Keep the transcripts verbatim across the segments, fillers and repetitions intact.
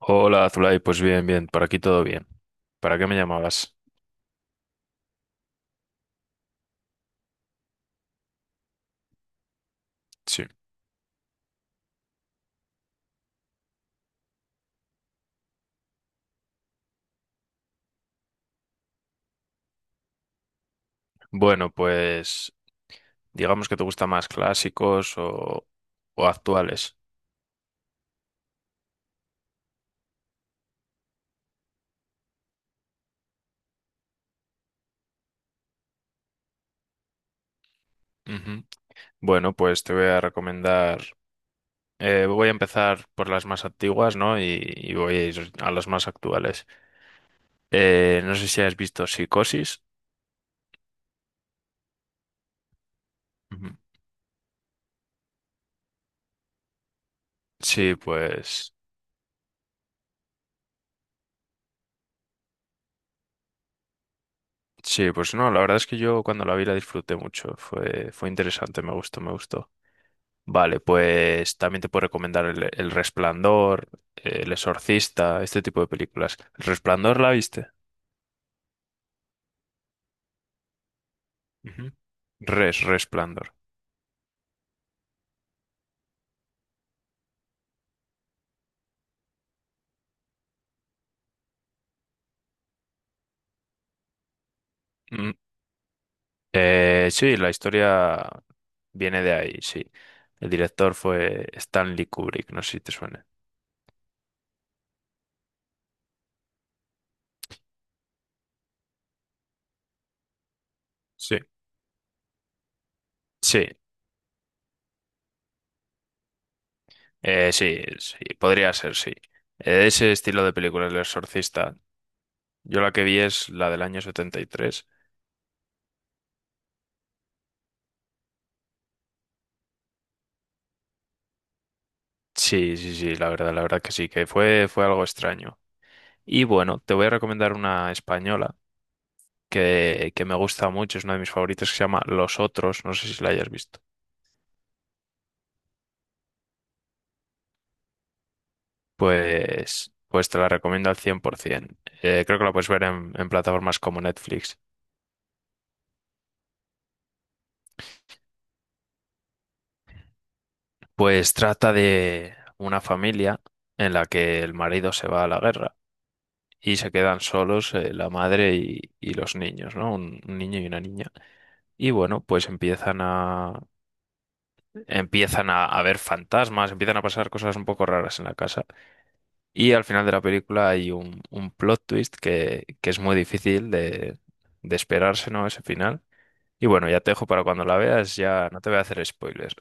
Hola, Zulay, pues bien, bien, por aquí todo bien. ¿Para qué me llamabas? Sí. Bueno, pues digamos que te gustan más clásicos o, o actuales. Ujú. Bueno, pues te voy a recomendar, eh, voy a empezar por las más antiguas, ¿no? Y, y voy a ir a las más actuales. Eh, no sé si has visto Psicosis. Ujú. Sí, pues, sí, pues no, la verdad es que yo cuando la vi la disfruté mucho, fue, fue interesante, me gustó, me gustó. Vale, pues también te puedo recomendar El, El Resplandor, El Exorcista, este tipo de películas. ¿El Resplandor la viste? Ujú. Res, Resplandor. Mm, eh, sí, la historia viene de ahí, sí. El director fue Stanley Kubrick, no sé si te suena. Sí. Sí, eh, sí, sí, podría ser, sí. Eh, ese estilo de película, El Exorcista. Yo la que vi es la del año setenta y tres. Sí, sí, sí, la verdad, la verdad que sí, que fue, fue algo extraño. Y bueno, te voy a recomendar una española que, que me gusta mucho, es una de mis favoritas que se llama Los Otros, no sé si la hayas visto. Pues, pues te la recomiendo al cien por ciento. Eh, creo que la puedes ver en, en plataformas como Netflix. Pues trata de una familia en la que el marido se va a la guerra y se quedan solos eh, la madre y, y los niños, ¿no? Un, un niño y una niña. Y bueno, pues empiezan a, empiezan a, a ver fantasmas, empiezan a pasar cosas un poco raras en la casa. Y al final de la película hay un, un plot twist que, que es muy difícil de, de esperarse, ¿no? Ese final. Y bueno, ya te dejo para cuando la veas, ya no te voy a hacer spoilers.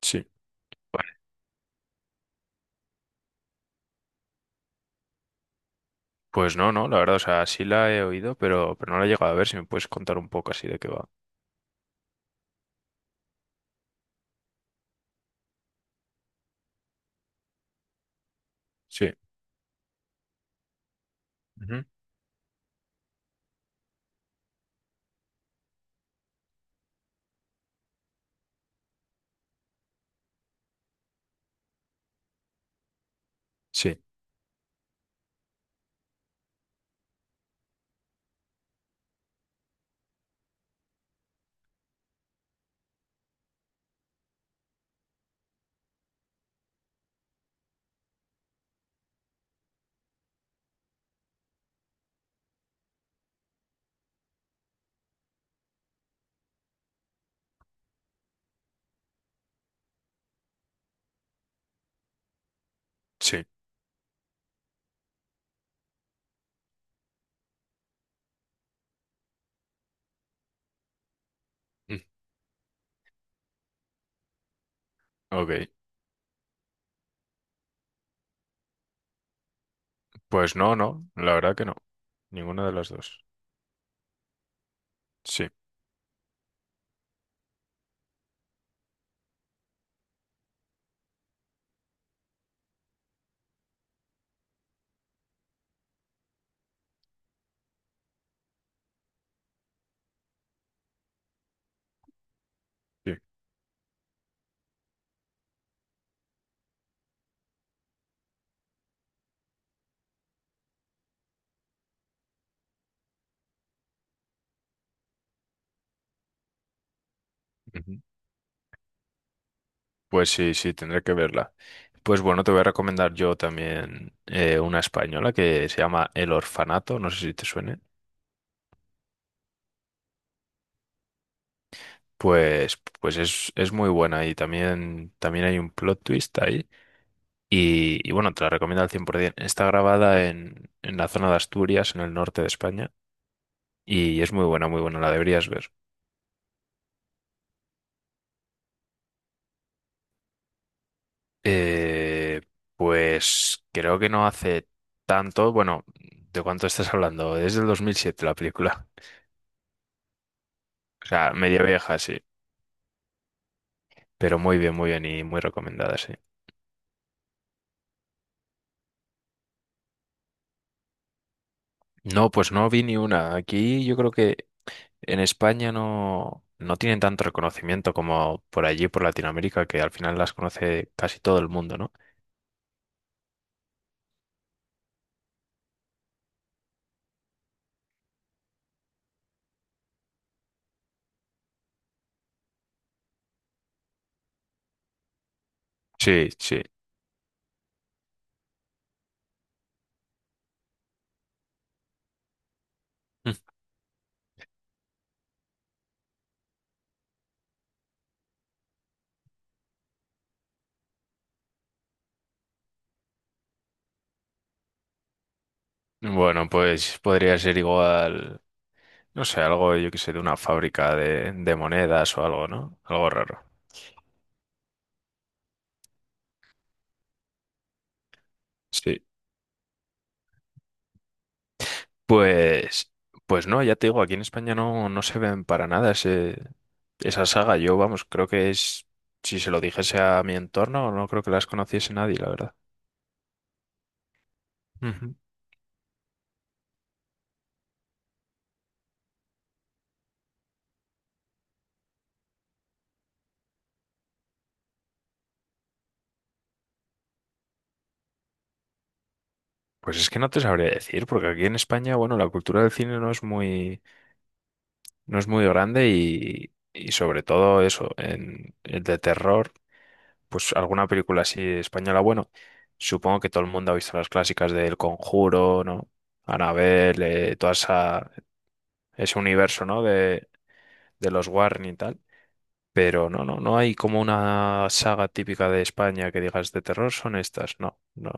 Sí. Vale. Pues no, no, la verdad, o sea, sí la he oído, pero, pero no la he llegado a ver. Si me puedes contar un poco así de qué va. Sí, Ujú. Sí, Sí. Mm, Ok. Pues no, no, la verdad que no. Ninguna de las dos. Sí. sí. Ujú. Pues sí, sí, tendré que verla. Pues bueno, te voy a recomendar yo también eh, una española que se llama El Orfanato, no sé si te suene. Pues, pues es, es muy buena y también, también hay un plot twist ahí. Y, y bueno, te la recomiendo al cien por ciento. Está grabada en, en la zona de Asturias, en el norte de España, y es muy buena, muy buena, la deberías ver. Eh, pues creo que no hace tanto. Bueno, ¿de cuánto estás hablando? Desde el siete la película. O sea, media vieja, sí. Pero muy bien, muy bien y muy recomendada, sí. No, pues no vi ni una. Aquí yo creo que en España no, no tienen tanto reconocimiento como por allí, por Latinoamérica, que al final las conoce casi todo el mundo, ¿no? Sí, sí. Mm. Bueno, pues podría ser igual, no sé, algo, yo qué sé, de una fábrica de, de monedas o algo, ¿no? Algo raro. Sí. Pues, pues no, ya te digo, aquí en España no, no se ven para nada ese, esa saga. Yo, vamos, creo que es, si se lo dijese a mi entorno, no creo que las conociese nadie, la verdad. Ujú. Pues es que no te sabría decir, porque aquí en España, bueno, la cultura del cine no es muy, no es muy grande y, y sobre todo eso, en, en de terror, pues alguna película así española, bueno, supongo que todo el mundo ha visto las clásicas del Conjuro, ¿no? Anabel todas ese universo, ¿no? De, de los Warren y tal. Pero no, no, no hay como una saga típica de España que digas de terror, son estas. No, no.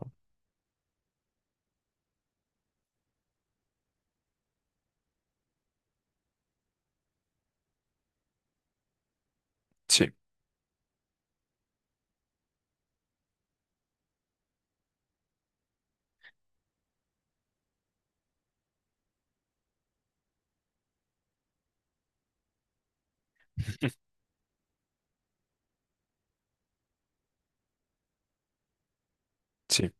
Sí, sí.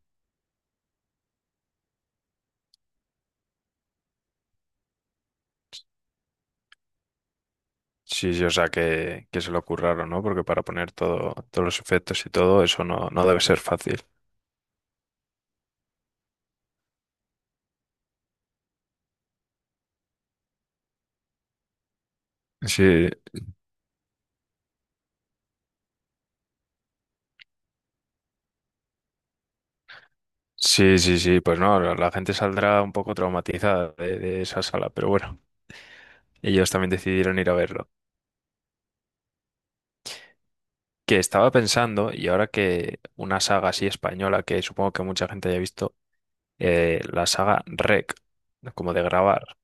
Sí, sí, o sea que, que se lo curraron, ¿no? Porque para poner todo, todos los efectos y todo, eso no, no debe ser fácil. Sí, sí, sí, sí. Pues no, la, la gente saldrá un poco traumatizada de, de esa sala, pero bueno, ellos también decidieron ir a verlo. Que estaba pensando, y ahora que una saga así española, que supongo que mucha gente haya visto, eh, la saga R E C, como de grabar.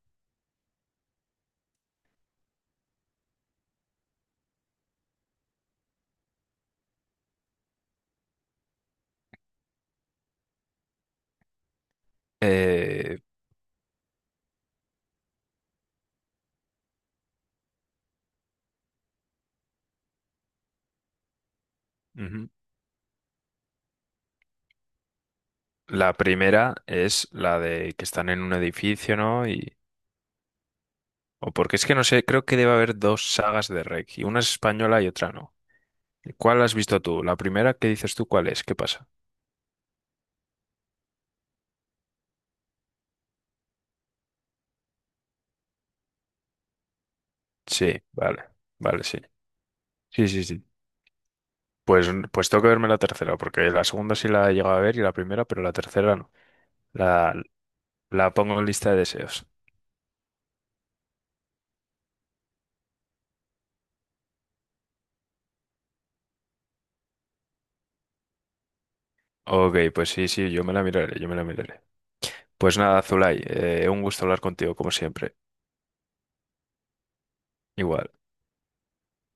Eh, ujú. La primera es la de que están en un edificio, ¿no? Y, o porque es que no sé, creo que debe haber dos sagas de R E C, y una es española y otra no. ¿Cuál has visto tú? La primera, ¿qué dices tú? ¿Cuál es? ¿Qué pasa? Sí, vale, vale, sí. Sí, sí, sí. Pues, pues tengo que verme la tercera, porque la segunda sí la he llegado a ver y la primera, pero la tercera no. La, la pongo en lista de deseos. Ok, pues sí, sí, yo me la miraré, yo me la miraré. Pues nada, Zulay, eh, un gusto hablar contigo, como siempre. Igual.